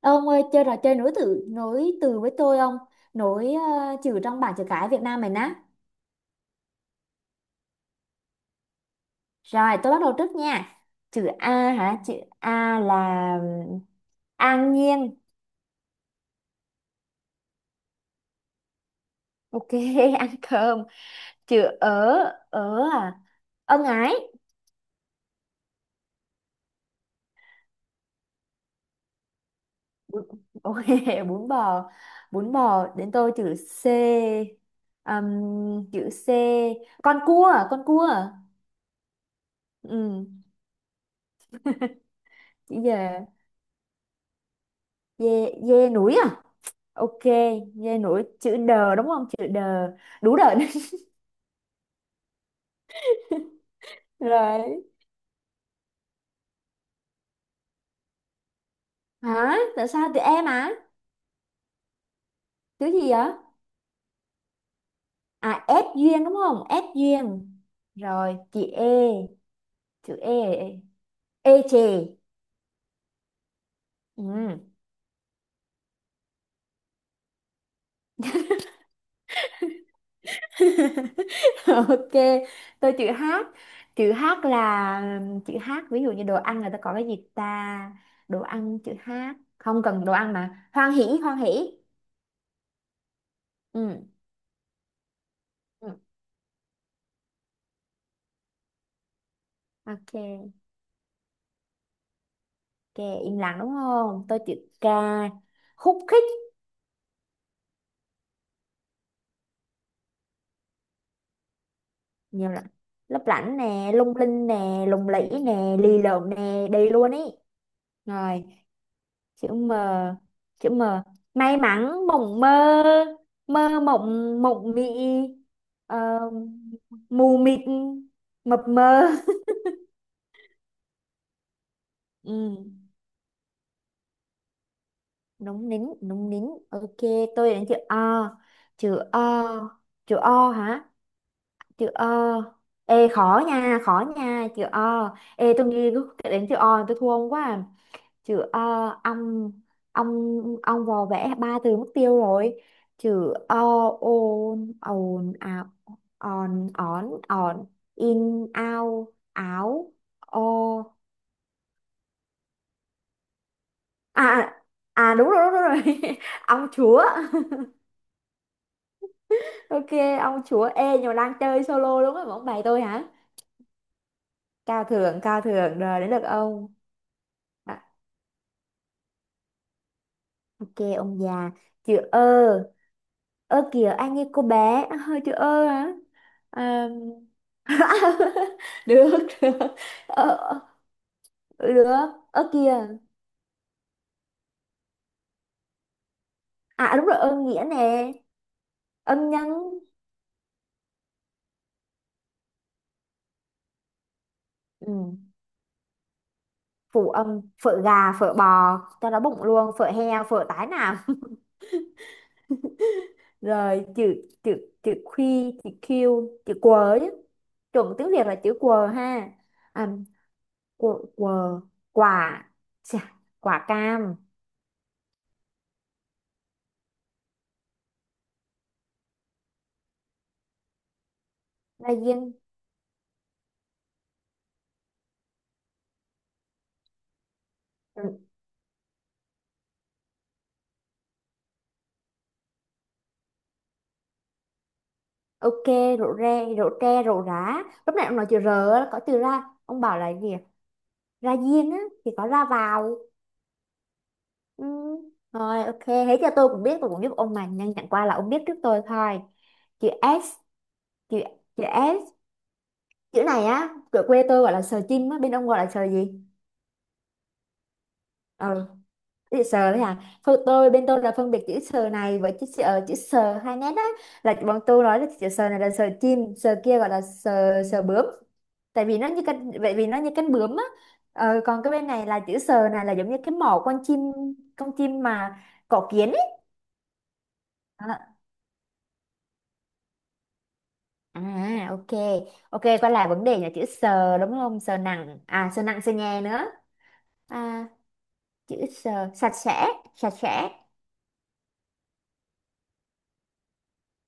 Ông ơi, chơi trò chơi nối từ với tôi. Ông nối chữ trong bảng chữ cái Việt Nam mình á. Rồi tôi bắt đầu trước nha. Chữ A hả? Chữ A là ừm, an nhiên. Ok. Ăn cơm. Chữ ở. Ở à? Ân ái. Bún- ok. Bún bò. Bún bò. Đến tôi chữ C. Chữ C, con cua, con cua. Ừ. Chữ dê. Dê. Dê núi à? Ok. Dây nổi chữ đờ đúng không? Chữ đờ. Đủ đờ. Rồi. Hả? Tại sao tụi em à? Chữ gì vậy? À, ép duyên đúng không? Ép duyên. Rồi chị e. Chữ e. E chè. Ừ. Ok. Tôi chữ h. Chữ h là, chữ h ví dụ như đồ ăn người ta có cái gì ta? Đồ ăn chữ h. Không cần đồ ăn mà, hoan hỉ, hoan hỉ. Ừ. Ừ. Ok. Ok, im lặng đúng không? Tôi chữ k, khúc khích. Nhiều lắm. Lấp lánh nè, lung linh nè, lùng lĩ nè, lì lợm nè, đi luôn ý. Rồi chữ M. Chữ M, may mắn, mộng mơ, mơ mộng, mộng mị. ờ, Mù mịt, mập mờ. Ừ, núng nín, núng nín. Ok, tôi đến chữ O. Chữ O. Chữ O hả? Chữ O. Ê khó nha, khó nha. Chữ O. Ê, tôi nghĩ đến chữ O tôi thua ông quá à. Chứ ông ông ông vò vẽ ba từ mất tiêu rồi. Chữ o, ôn, ồn ào, on on on, in, ao, áo, o. À, à, à, đúng rồi, đúng rồi, đúng rồi. Ông chúa. Ok, ông chúa. Ê, nhưng mà đang chơi solo đúng không? Ông bày tôi hả? Cao thượng, cao thượng. Rồi đến lượt ông. À, ok. Ông già. Chữ ơ. Ơ kìa, anh như cô bé hơi. Chữ ơ hả? Ờ. Được, được. ờ, ờ, Được. Ơ kìa. À, đúng rồi, âm nghĩa nè. Âm nhân. Ừ. Phụ âm, phở gà, phở bò, cho nó bụng luôn, phở heo, phở tái nào. Rồi chữ chữ chữ khuy, chữ q, chữ quờ chứ. Chuẩn tiếng Việt là chữ quờ ha. À, quờ, quờ. Quả. Chà, quả cam. Là viên. Ừ, ok. Rượu re, rượu tre, rượu rá. Lúc nãy ông nói chữ r á, có từ ra, ông bảo là gì? Ra diên á, thì có ra vào. Ừ. Rồi ok, thế cho tôi cũng biết. Tôi cũng giúp ông mà, nhưng chẳng qua là ông biết trước tôi thôi. Chữ S. chữ chữ S. Chữ này á, ở quê tôi gọi là sờ chim á, bên ông gọi là sờ gì? Ờ, chữ sờ đấy à? Thôi, tôi bên tôi là phân biệt chữ sờ này với chữ sờ, chữ sờ hai nét á, là bọn tôi nói là chữ sờ này là sờ chim, sờ kia gọi là sờ, sờ bướm. Tại vì nó như cánh vậy, vì nó như cánh bướm á. Ờ, còn cái bên này là chữ sờ này là giống như cái mỏ con chim. Con chim mà có kiến. Đó. À, ok. Ok, quay lại vấn đề là chữ sờ đúng không? Sờ nặng. À, sờ nặng, sờ nhẹ nữa. À, chữ sờ sạch sẽ, sạch sẽ.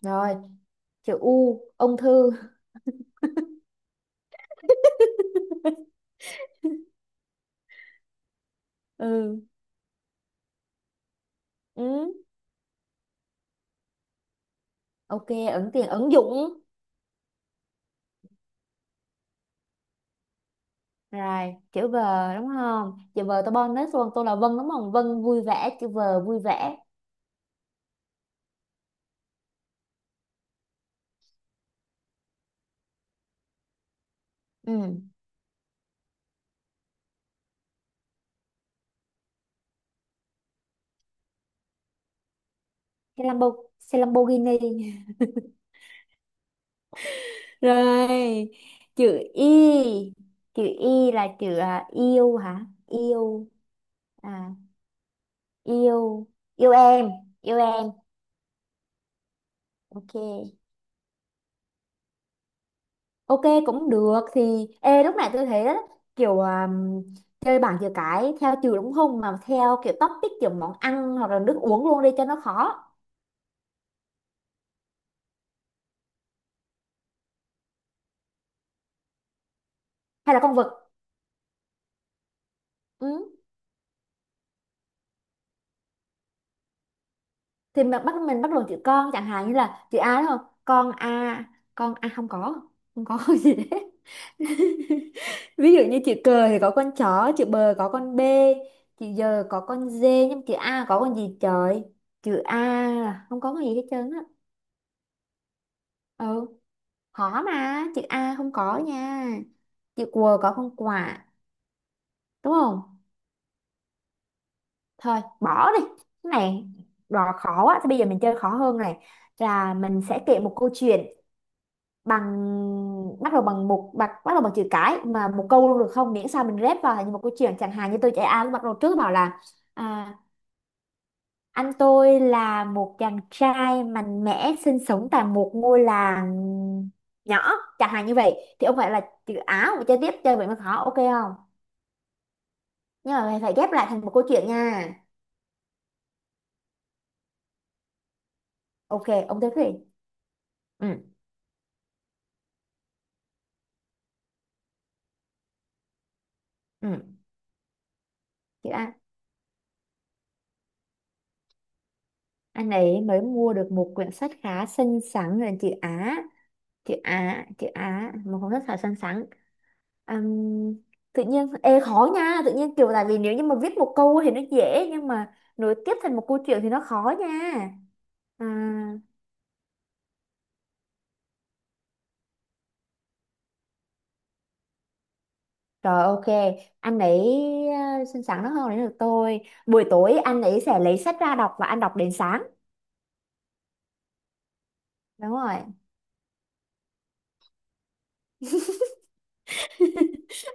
Rồi, chữ U, ung thư. Ừ. Ừ. Ok, ứng tiền, ứng dụng. Rồi, chữ V đúng không? Chữ V tôi bonus luôn, tôi là Vân đúng không? Vân vui vẻ. Chữ V vui vẻ. Ừ. Cái Lambo, xe Lamborghini. Rồi, chữ y. Chữ y là chữ yêu hả? Yêu. À, yêu. Yêu em. Yêu em. Ok. Ok, cũng được. Thì ê, lúc này tôi thấy đó, kiểu chơi bảng chữ cái theo chữ đúng không, mà theo kiểu topic, kiểu món ăn hoặc là nước uống luôn đi cho nó khó. Hay là con vật? Ừ. Thì mình bắt đầu chữ con, chẳng hạn như là chữ A đúng không? Con A, con A không có. Không có gì đấy. Ví dụ như chữ cờ thì có con chó, chữ bờ có con B, chữ giờ có con D, nhưng chữ A có con gì trời? Chữ A là không có cái gì hết trơn á. Ừ, khó mà, chữ A không có nha. Chữ quờ có con quả, đúng không? Thôi, bỏ đi. Cái này đò khó quá, thì bây giờ mình chơi khó hơn này. Là mình sẽ kể một câu chuyện bằng bắt đầu bằng một bắt bắt đầu bằng chữ cái, mà một câu luôn được không, miễn sao mình ghép vào thành một câu chuyện. Chẳng hạn như tôi chạy A, lúc bắt đầu trước bảo là à, anh tôi là một chàng trai mạnh mẽ sinh sống tại một ngôi làng nhỏ, chẳng hạn như vậy. Thì ông phải là chữ Á và chơi tiếp. Chơi vậy mới khó, ok không? Nhưng mà phải, phải ghép lại thành một câu chuyện nha. Ok, ông tiếp đi. Ừ. Ừ. Chữ Á, anh ấy mới mua được một quyển sách khá xinh xắn, là chữ Á. Chữ Á, chữ Á, một cuốn sách khá xinh xắn. Ừm, Tự nhiên ê khó nha, tự nhiên kiểu, tại vì nếu như mà viết một câu thì nó dễ, nhưng mà nối tiếp thành một câu chuyện thì nó khó nha. À, rồi ok, anh ấy xinh xắn nó hơn đến được tôi. Buổi tối anh ấy sẽ lấy sách ra đọc và anh đọc đến sáng. Đúng rồi.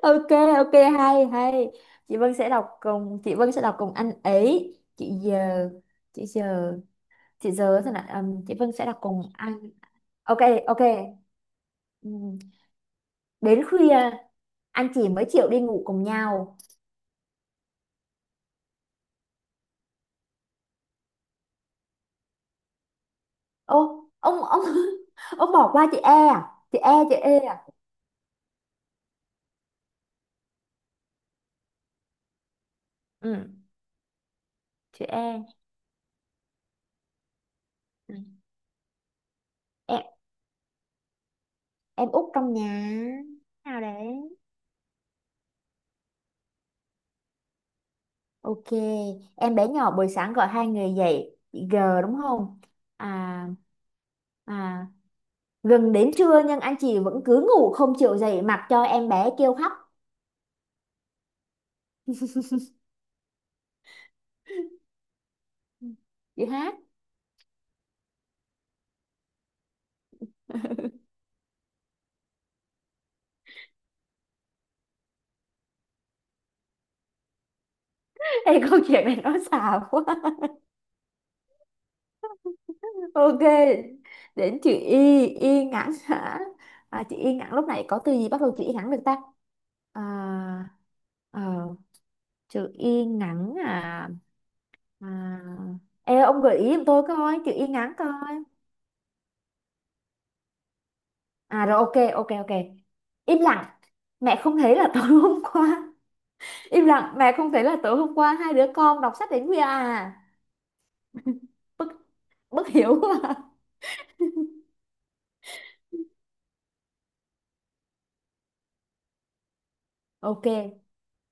Ok. Ok, hay hay. Chị Vân sẽ đọc cùng anh ấy. Chị giờ, chị giờ, chị giờ thế nào? Chị Vân sẽ đọc cùng anh. Ok. Ok. Ừm. Đến khuya anh chị mới chịu đi ngủ cùng nhau. Ô, ông ông bỏ qua chị E à? Chị E, chị E à? Ừ, chị E. Ừ. em em út trong nhà nào đấy. Ok, em bé nhỏ buổi sáng gọi hai người dậy, chị G đúng không? À, à. Gần đến trưa nhưng anh chị vẫn cứ ngủ không chịu dậy, mặc cho em bé kêu khóc. Ừ. Chị hát. Ê, câu chuyện này nó xàm quá. Ok, đến chữ Y, Y ngắn hả? À, chữ Y ngắn lúc này có từ gì bắt đầu chữ Y ngắn được ta? À, ờ, Chữ Y ngắn à, à. Ê, ông gợi ý giùm tôi coi, chữ Y ngắn coi. À rồi, ok, ok, ok. Im lặng, mẹ không thấy là tối hôm qua. Im lặng, mẹ không thấy là tối hôm qua hai đứa con đọc sách đến khuya à. Bất, bất hiểu quá. Ok,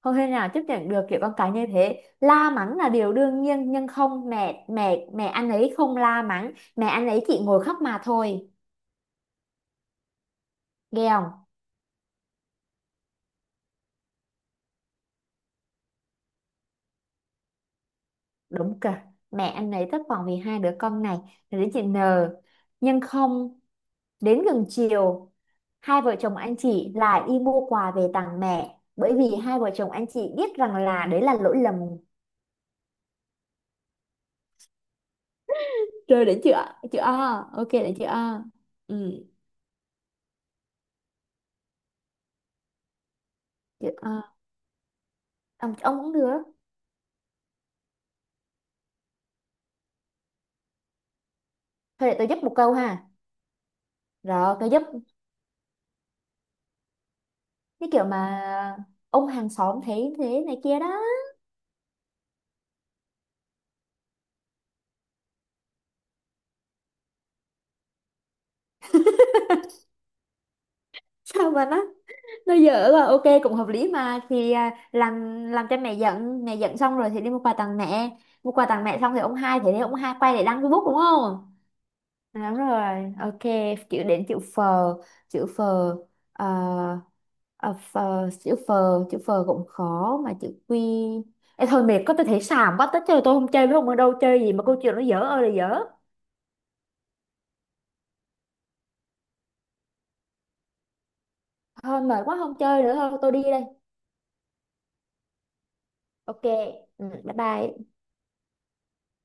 không thể nào chấp nhận được kiểu con cái như thế, la mắng là điều đương nhiên. Nhưng không, mẹ mẹ mẹ anh ấy không la mắng, mẹ anh ấy chỉ ngồi khóc mà thôi, nghe không? Đúng kìa, mẹ anh ấy thất vọng vì hai đứa con này. Rồi đến chị N, nhưng không. Đến gần chiều, hai vợ chồng anh chị lại đi mua quà về tặng mẹ, bởi vì hai vợ chồng anh chị biết rằng là đấy là lỗi lầm. Rồi đến chữ A, chữ A, ok đến chữ A. Ừ. Chị- ờ, ông cũng được. Thôi để tôi giúp một câu ha. Rồi cái giúp, cái kiểu mà ông hàng xóm thấy thế này kia đó. Sao mà nó dở là ok, cũng hợp lý mà. Thì làm cho mẹ giận. Mẹ giận xong rồi thì đi mua quà tặng mẹ. Mua quà tặng mẹ xong thì ông hai, thì để ông hai quay để đăng Facebook đúng không? À, đúng rồi, ok. Đến chữ phờ. Chữ phờ. ờ, ờ, Phờ. Chữ phờ, chữ phờ cũng khó mà. Chữ quy. Ê, thôi mệt, có tôi thấy xàm quá tất trời. Tôi không chơi với ông. Ở đâu chơi gì mà câu chuyện nó dở ơi là dở. Thôi mệt quá, không chơi nữa, thôi tôi đi đây. Ok. Ừ, bye bye.